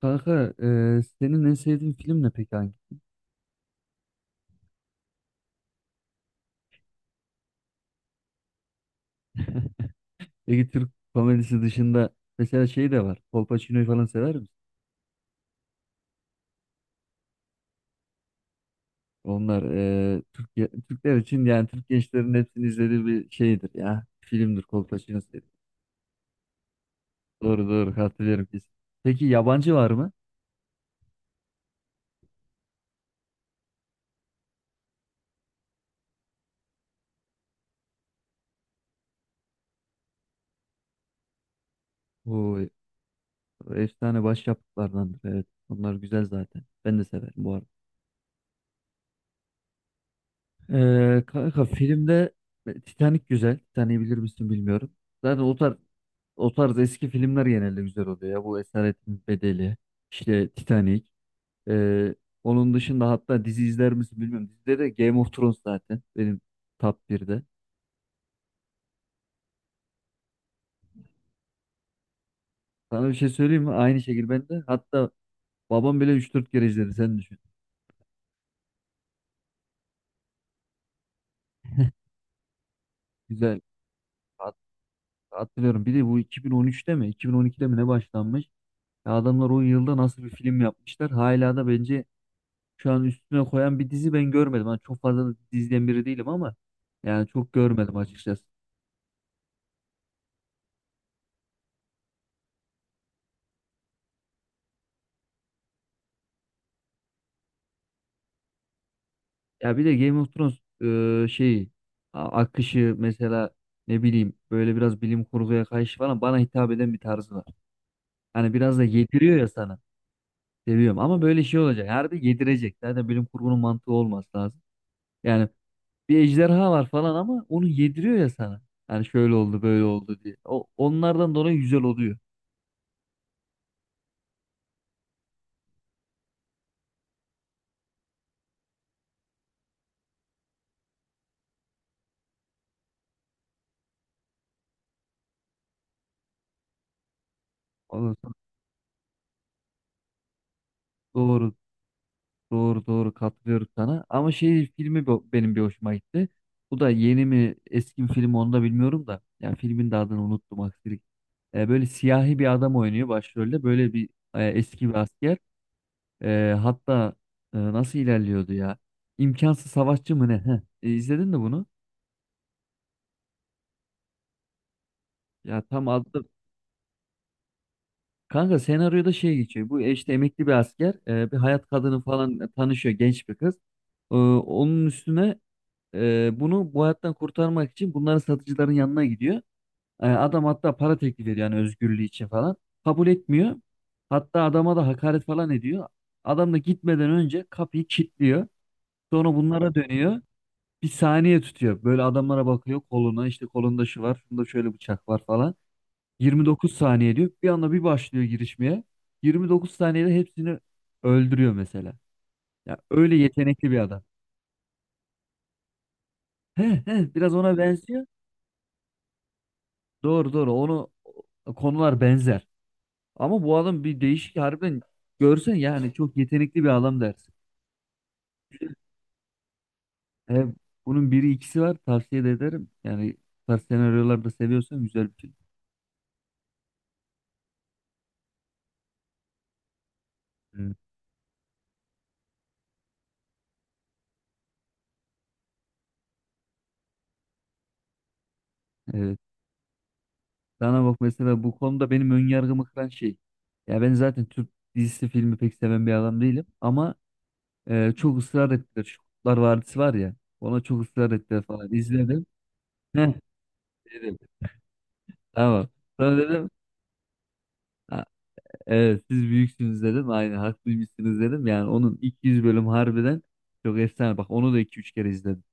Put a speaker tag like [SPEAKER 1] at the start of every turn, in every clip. [SPEAKER 1] Kanka, senin en sevdiğin film ne peki hangi? Peki Türk komedisi dışında mesela şey de var. Kolpaçino'yu falan sever misin? Onlar Türkiye, Türkler için yani Türk gençlerin hepsini izlediği bir şeydir ya. Filmdir Kolpaçino serisi. Doğru doğru hatırlıyorum biz. Peki yabancı var mı? Bu efsane başyapıtlardandır, evet. Onlar güzel zaten. Ben de severim bu arada. Kanka, filmde Titanic güzel. Titanic'i bilir misin bilmiyorum. Zaten o tarz eski filmler genelde güzel oluyor ya. Bu Esaretin Bedeli, işte Titanic. Ee, onun dışında hatta dizi izler misin bilmiyorum. Dizide de Game of Thrones zaten benim top 1'de. Sana bir şey söyleyeyim mi? Aynı şekilde ben de. Hatta babam bile üç dört kere izledi. Sen düşün. Güzel. Hat- Hatırlıyorum. Bir de bu 2013'te mi, 2012'de mi ne başlanmış? Ya adamlar o yılda nasıl bir film yapmışlar? Hala da bence şu an üstüne koyan bir dizi ben görmedim. Hani çok fazla da diziden biri değilim ama yani çok görmedim açıkçası. Ya bir de Game of Thrones e, şeyi akışı mesela, ne bileyim, böyle biraz bilim kurguya karşı falan bana hitap eden bir tarzı var. Hani biraz da yediriyor ya sana. Seviyorum ama böyle şey olacak. Harbi yedirecek. Zaten bilim kurgunun mantığı olması lazım. Yani bir ejderha var falan ama onu yediriyor ya sana. Hani şöyle oldu böyle oldu diye. Onlardan dolayı güzel oluyor. Ondan sonra- Doğru Doğru, doğru katılıyorum sana. Ama şey filmi benim bir hoşuma gitti. Bu da yeni mi eski mi film onu da bilmiyorum da. Yani filmin de adını unuttum, aksilik. Böyle siyahi bir adam oynuyor başrolde. Böyle bir eski bir asker. Hatta nasıl ilerliyordu ya? İmkansız savaşçı mı ne? Heh. E, izledin mi bunu? Ya tam adı. Kanka, senaryoda şey geçiyor. Bu işte emekli bir asker. Bir hayat kadını falan tanışıyor, genç bir kız. Onun üstüne, bunu bu hayattan kurtarmak için bunların, satıcıların yanına gidiyor. Adam hatta para teklif ediyor yani özgürlüğü için falan. Kabul etmiyor. Hatta adama da hakaret falan ediyor. Adam da gitmeden önce kapıyı kilitliyor. Sonra bunlara dönüyor. Bir saniye tutuyor. Böyle adamlara bakıyor, koluna. İşte kolunda şu var, şunda şöyle bıçak var falan. 29 saniye diyor. Bir anda bir başlıyor girişmeye. 29 saniyede hepsini öldürüyor mesela. Ya öyle yetenekli bir adam. He, he, biraz ona benziyor. Doğru doğru onu, konular benzer. Ama bu adam bir değişik, harbiden görsen yani çok yetenekli bir adam dersin. E, bunun biri ikisi var, tavsiye de ederim. Yani bu tarz senaryolar da seviyorsan güzel bir film. Hı. Evet. Sana bak mesela bu konuda benim önyargımı kıran şey. Ya ben zaten Türk dizisi filmi pek seven bir adam değilim. Ama çok ısrar ettiler. Şu Kurtlar Vadisi var ya. Ona çok ısrar ettiler falan. İzledim. Heh, dedim. Tamam. Sonra dedim. Evet, siz büyüksünüz dedim. Aynen haklıymışsınız dedim. Yani onun 200 bölüm harbiden çok efsane. Bak onu da iki üç kere izledim.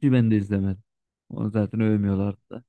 [SPEAKER 1] Ki ben de izlemedim. Onu zaten övmüyorlardı da.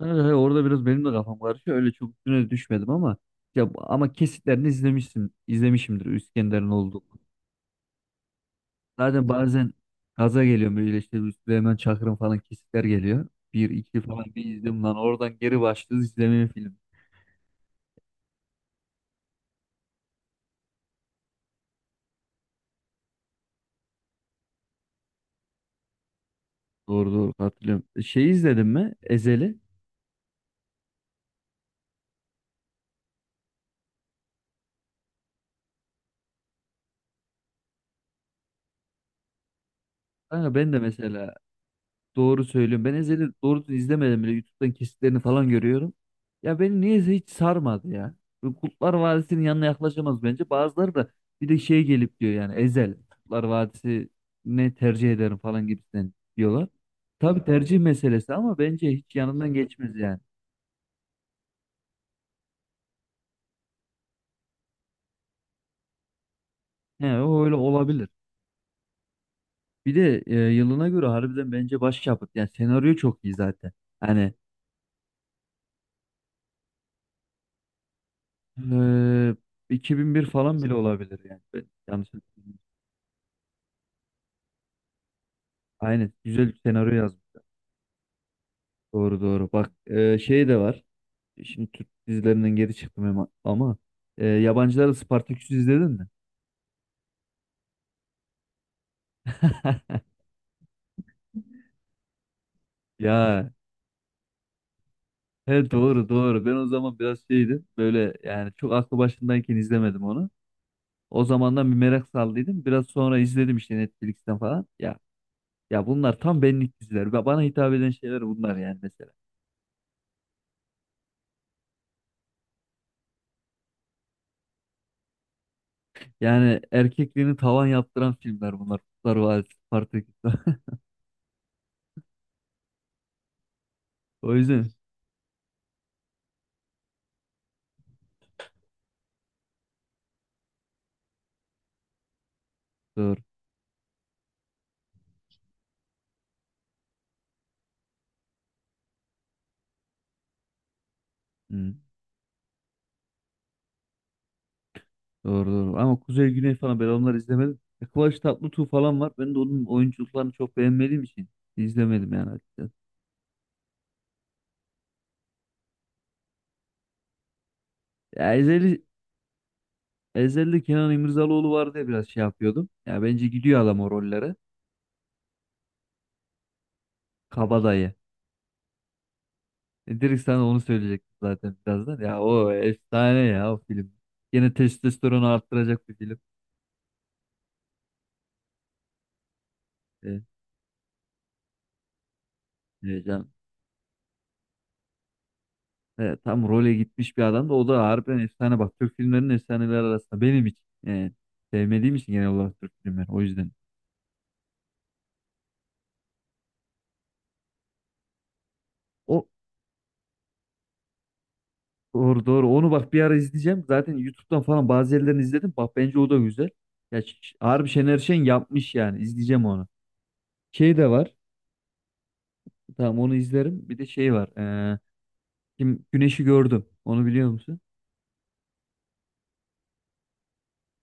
[SPEAKER 1] Evet, evet, orada biraz benim de kafam karışıyor. Öyle çok üstüne düşmedim ama ya, kesitlerini izlemişsin, izlemişimdir İskender'in olduğu. Zaten bazen gaza geliyorum böyle, işte bir Süleyman Çakır'ın falan kesitler geliyor. Bir iki falan bir izledim lan, oradan geri başlıyoruz izlemeye film. Doğru doğru hatırlıyorum. Şey izledim mi? Ezeli. Kanka, ben de mesela, doğru söylüyorum. Ben Ezel'i doğru izlemedim bile. YouTube'dan kesitlerini falan görüyorum. Ya beni niyeyse hiç sarmadı ya. Bu Kurtlar Vadisi'nin yanına yaklaşamaz bence. Bazıları da bir de şey gelip diyor yani Ezel Kurtlar Vadisi ne tercih ederim falan gibisinden diyorlar. Tabii tercih meselesi ama bence hiç yanından geçmez yani. He, o öyle olabilir. Bir de yılına göre harbiden bence başyapıt. Yani senaryo çok iyi zaten. Hani e, 2001 falan bile olabilir yani. Ben yanlış hatırlamıyorum. Aynen. Güzel bir senaryo yazmış. Doğru doğru. Bak şey de var. Şimdi Türk dizilerinden geri çıktım ama, yabancılar da Spartaküs'ü izledin mi? Ya, he, doğru doğru. Ben o zaman biraz şeydim. Böyle yani çok aklı başındayken izlemedim onu. O zamandan bir merak saldıydım. Biraz sonra izledim işte Netflix'ten falan. Ya, bunlar tam benlik diziler. Bana hitap eden şeyler bunlar yani mesela. Yani erkekliğini tavan yaptıran filmler bunlar. Kurtlar Vadisi, Spartaküs. O yüzden. Doğru. Doğru doğru. Ama Kuzey Güney falan ben onları izlemedim. Kıvanç Tatlıtuğ falan var. Ben de onun oyunculuklarını çok beğenmediğim için izlemedim yani açıkçası. Ya Ezeli Kenan İmirzalıoğlu var diye biraz şey yapıyordum. Ya bence gidiyor adam o rollere. Kabadayı. Direkt sana onu söyleyecektim zaten birazdan. Ya o efsane ya o film. Yine testosteronu arttıracak bir film. E, heyecan. Tam role gitmiş bir adam da o da harbiden efsane bak. Türk filmlerinin efsaneleri arasında benim için. Sevmediğim için genel olarak Türk filmleri. O yüzden. O Doğru doğru. Onu bak bir ara izleyeceğim. Zaten YouTube'dan falan bazı yerlerini izledim. Bak bence o da güzel. Ya, harbi Şener Şen yapmış yani. İzleyeceğim onu. Şey de var. Tamam onu izlerim. Bir de şey var. Kim Güneş'i gördüm. Onu biliyor musun?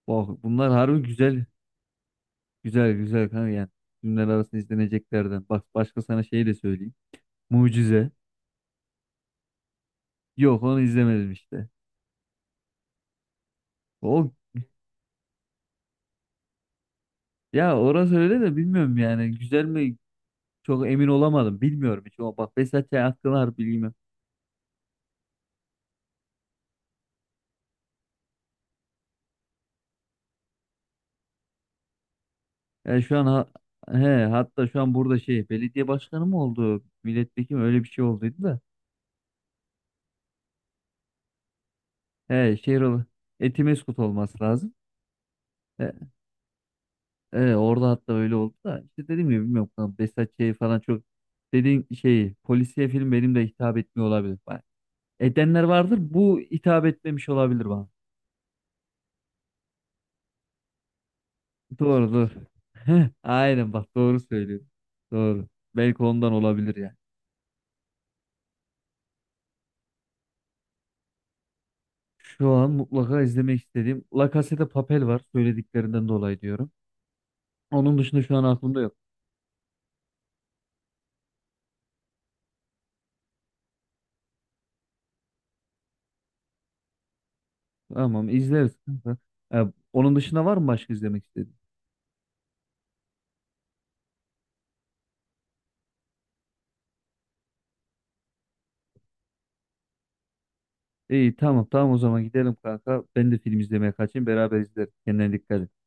[SPEAKER 1] Bak bunlar harbi güzel. Güzel güzel kanka yani. Filmler arasında izleneceklerden. Bak başka sana şey de söyleyeyim. Mucize. Yok onu izlemedim işte. O ya, orası öyle de bilmiyorum yani. Güzel mi? Çok emin olamadım. Bilmiyorum hiç. O bak Behzat Ç. hakkında harbi bilgim yok. Ya, he, hatta şu an burada şey belediye başkanı mı oldu? Milletvekili mi? Öyle bir şey olduydu da. He, Etimesgut olması lazım. He, he, orada hatta öyle oldu da. İşte dedim ya bilmiyorum. Lan, Behzat şey falan çok dediğin şey polisiye film benim de hitap etmiyor olabilir. Bak, edenler vardır bu hitap etmemiş olabilir bana. Doğru doğru. Heh, aynen bak doğru söylüyorsun. Doğru. Belki ondan olabilir yani. Şu an mutlaka izlemek istediğim La Casa de Papel var söylediklerinden dolayı diyorum. Onun dışında şu an aklımda yok. Tamam, izleriz kanka. E, onun dışında var mı başka izlemek istediğin? İyi tamam tamam o zaman gidelim kanka. Ben de film izlemeye kaçayım, beraber izleriz. Kendine dikkat et.